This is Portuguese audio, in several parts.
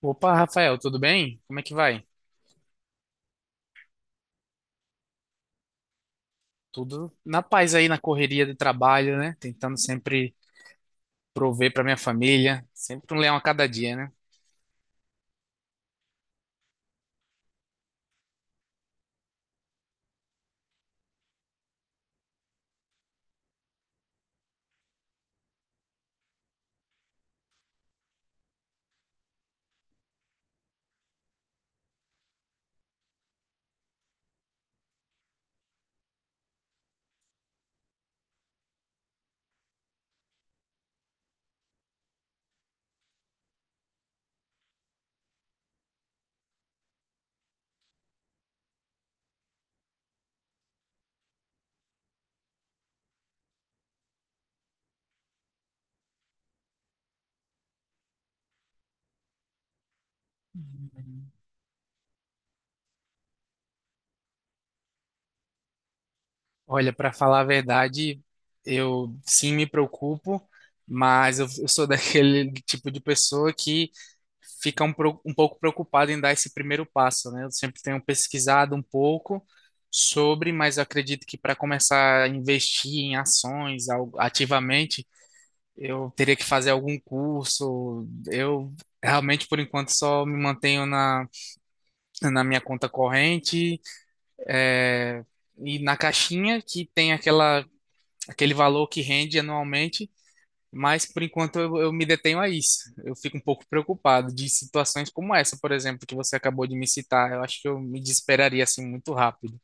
Opa, Rafael, tudo bem? Como é que vai? Tudo na paz aí, na correria do trabalho, né? Tentando sempre prover para minha família, sempre um leão a cada dia, né? Olha, para falar a verdade, eu sim me preocupo, mas eu sou daquele tipo de pessoa que fica um pouco preocupada em dar esse primeiro passo, né? Eu sempre tenho pesquisado um pouco sobre, mas eu acredito que para começar a investir em ativamente eu teria que fazer algum curso. Eu realmente, por enquanto, só me mantenho na, na minha conta corrente e na caixinha, que tem aquela, aquele valor que rende anualmente. Mas, por enquanto, eu me detenho a isso. Eu fico um pouco preocupado de situações como essa, por exemplo, que você acabou de me citar. Eu acho que eu me desesperaria assim muito rápido.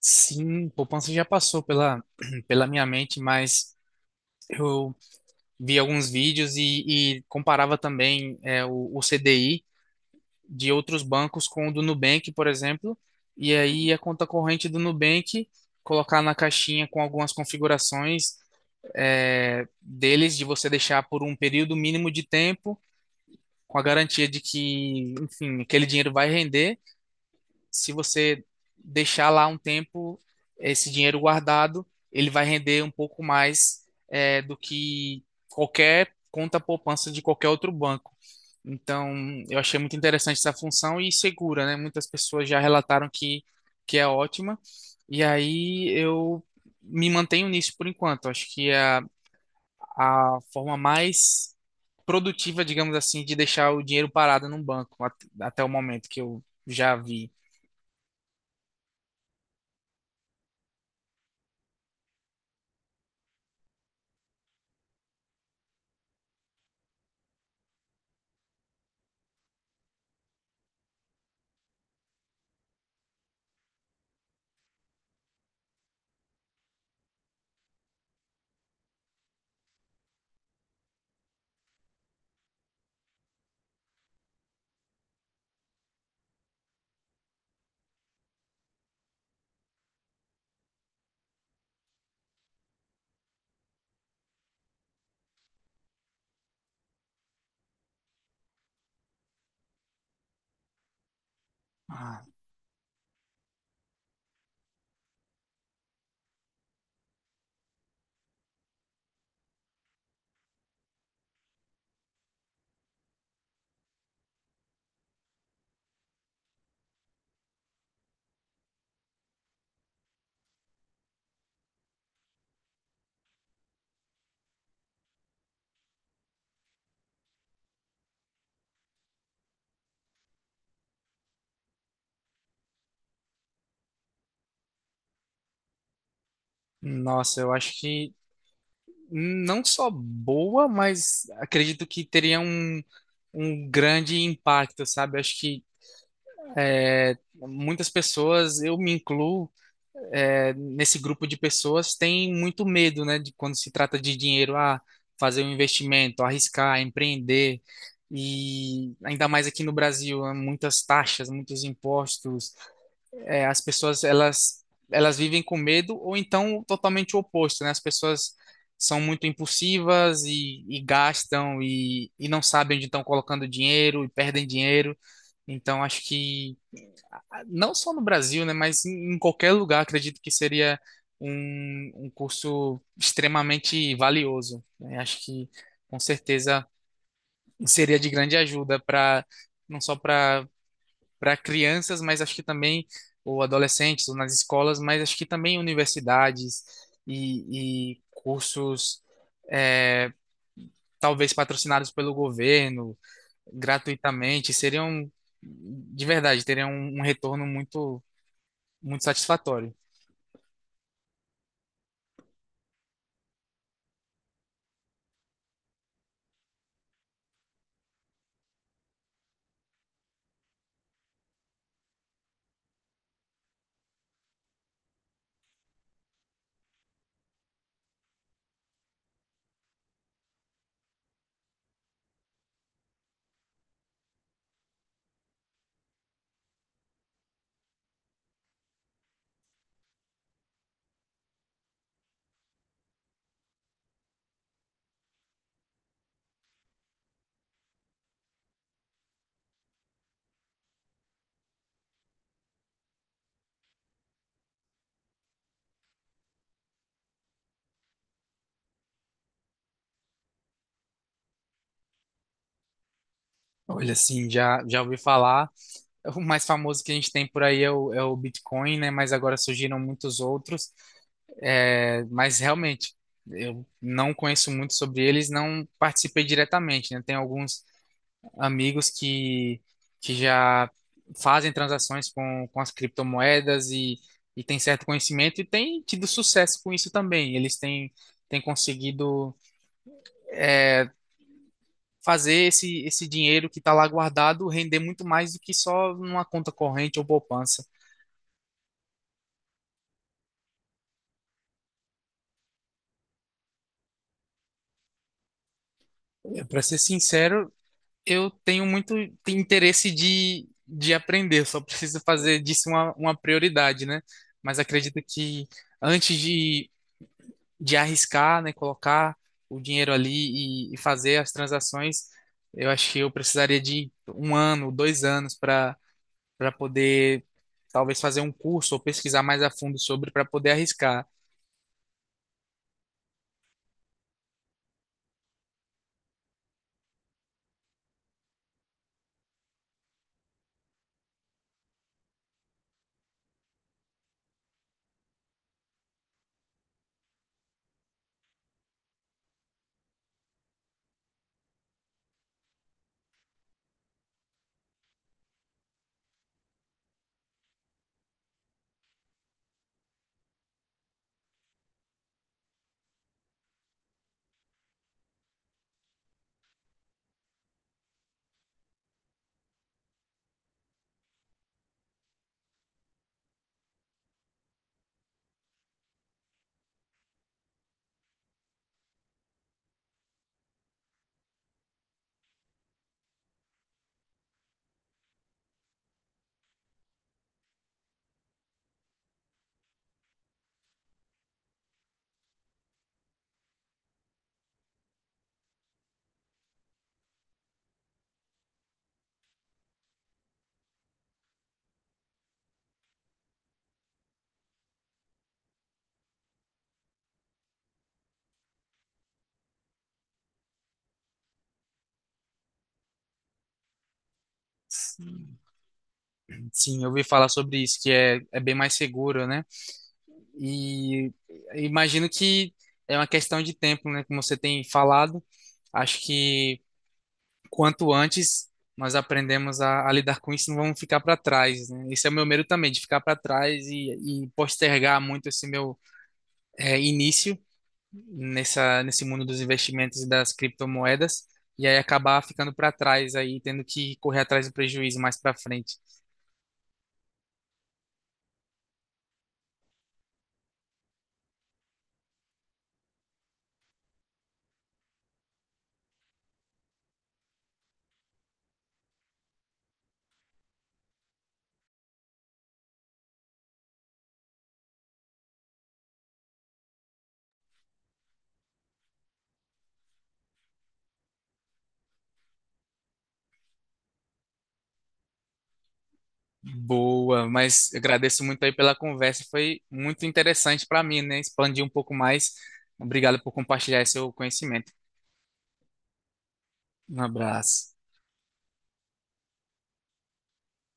Sim, poupança já passou pela, pela minha mente, mas eu vi alguns vídeos e comparava também o CDI de outros bancos com o do Nubank, por exemplo, e aí a conta corrente do Nubank colocar na caixinha com algumas configurações, deles, de você deixar por um período mínimo de tempo, com a garantia de que, enfim, aquele dinheiro vai render. Se você deixar lá um tempo esse dinheiro guardado, ele vai render um pouco mais do que qualquer conta poupança de qualquer outro banco. Então, eu achei muito interessante essa função e segura, né? Muitas pessoas já relataram que é ótima. E aí eu me mantenho nisso por enquanto. Acho que é a forma mais produtiva, digamos assim, de deixar o dinheiro parado num banco até o momento que eu já vi. Ah, nossa, eu acho que não só boa, mas acredito que teria um, um grande impacto, sabe? Eu acho que muitas pessoas, eu me incluo, nesse grupo de pessoas, têm muito medo, né, de quando se trata de dinheiro, ah, fazer um investimento, arriscar, empreender. E ainda mais aqui no Brasil, há muitas taxas, muitos impostos, as pessoas, elas vivem com medo ou então totalmente o oposto, né? As pessoas são muito impulsivas e gastam e não sabem onde estão colocando dinheiro e perdem dinheiro. Então acho que, ah, não só no Brasil, né, mas em, em qualquer lugar acredito que seria um, um curso extremamente valioso, né? Acho que com certeza seria de grande ajuda para não só para para crianças, mas acho que também, ou adolescentes, ou nas escolas, mas acho que também universidades e cursos, é, talvez patrocinados pelo governo, gratuitamente, seriam, de verdade, teriam um, um retorno muito, muito satisfatório. Olha, assim, já, já ouvi falar. O mais famoso que a gente tem por aí é é o Bitcoin, né? Mas agora surgiram muitos outros. É, mas realmente, eu não conheço muito sobre eles, não participei diretamente, né? Tem alguns amigos que já fazem transações com as criptomoedas e têm certo conhecimento e têm tido sucesso com isso também. Eles têm, têm conseguido, é, fazer esse, esse dinheiro que está lá guardado render muito mais do que só numa conta corrente ou poupança. Para ser sincero, eu tenho muito interesse de aprender, só preciso fazer disso uma prioridade, né? Mas acredito que antes de arriscar, né, colocar o dinheiro ali e fazer as transações, eu acho que eu precisaria de um ano, dois anos para para poder talvez fazer um curso ou pesquisar mais a fundo sobre para poder arriscar. Sim, eu ouvi falar sobre isso, que é, é bem mais seguro, né? E imagino que é uma questão de tempo, né? Como você tem falado, acho que quanto antes nós aprendemos a lidar com isso, não vamos ficar para trás, né? Esse é o meu medo também, de ficar para trás e postergar muito esse meu início nessa, nesse mundo dos investimentos e das criptomoedas, e aí acabar ficando para trás aí, tendo que correr atrás do prejuízo mais para frente. Boa, mas agradeço muito aí pela conversa, foi muito interessante para mim, né? Expandir um pouco mais. Obrigado por compartilhar esse seu conhecimento. Um abraço.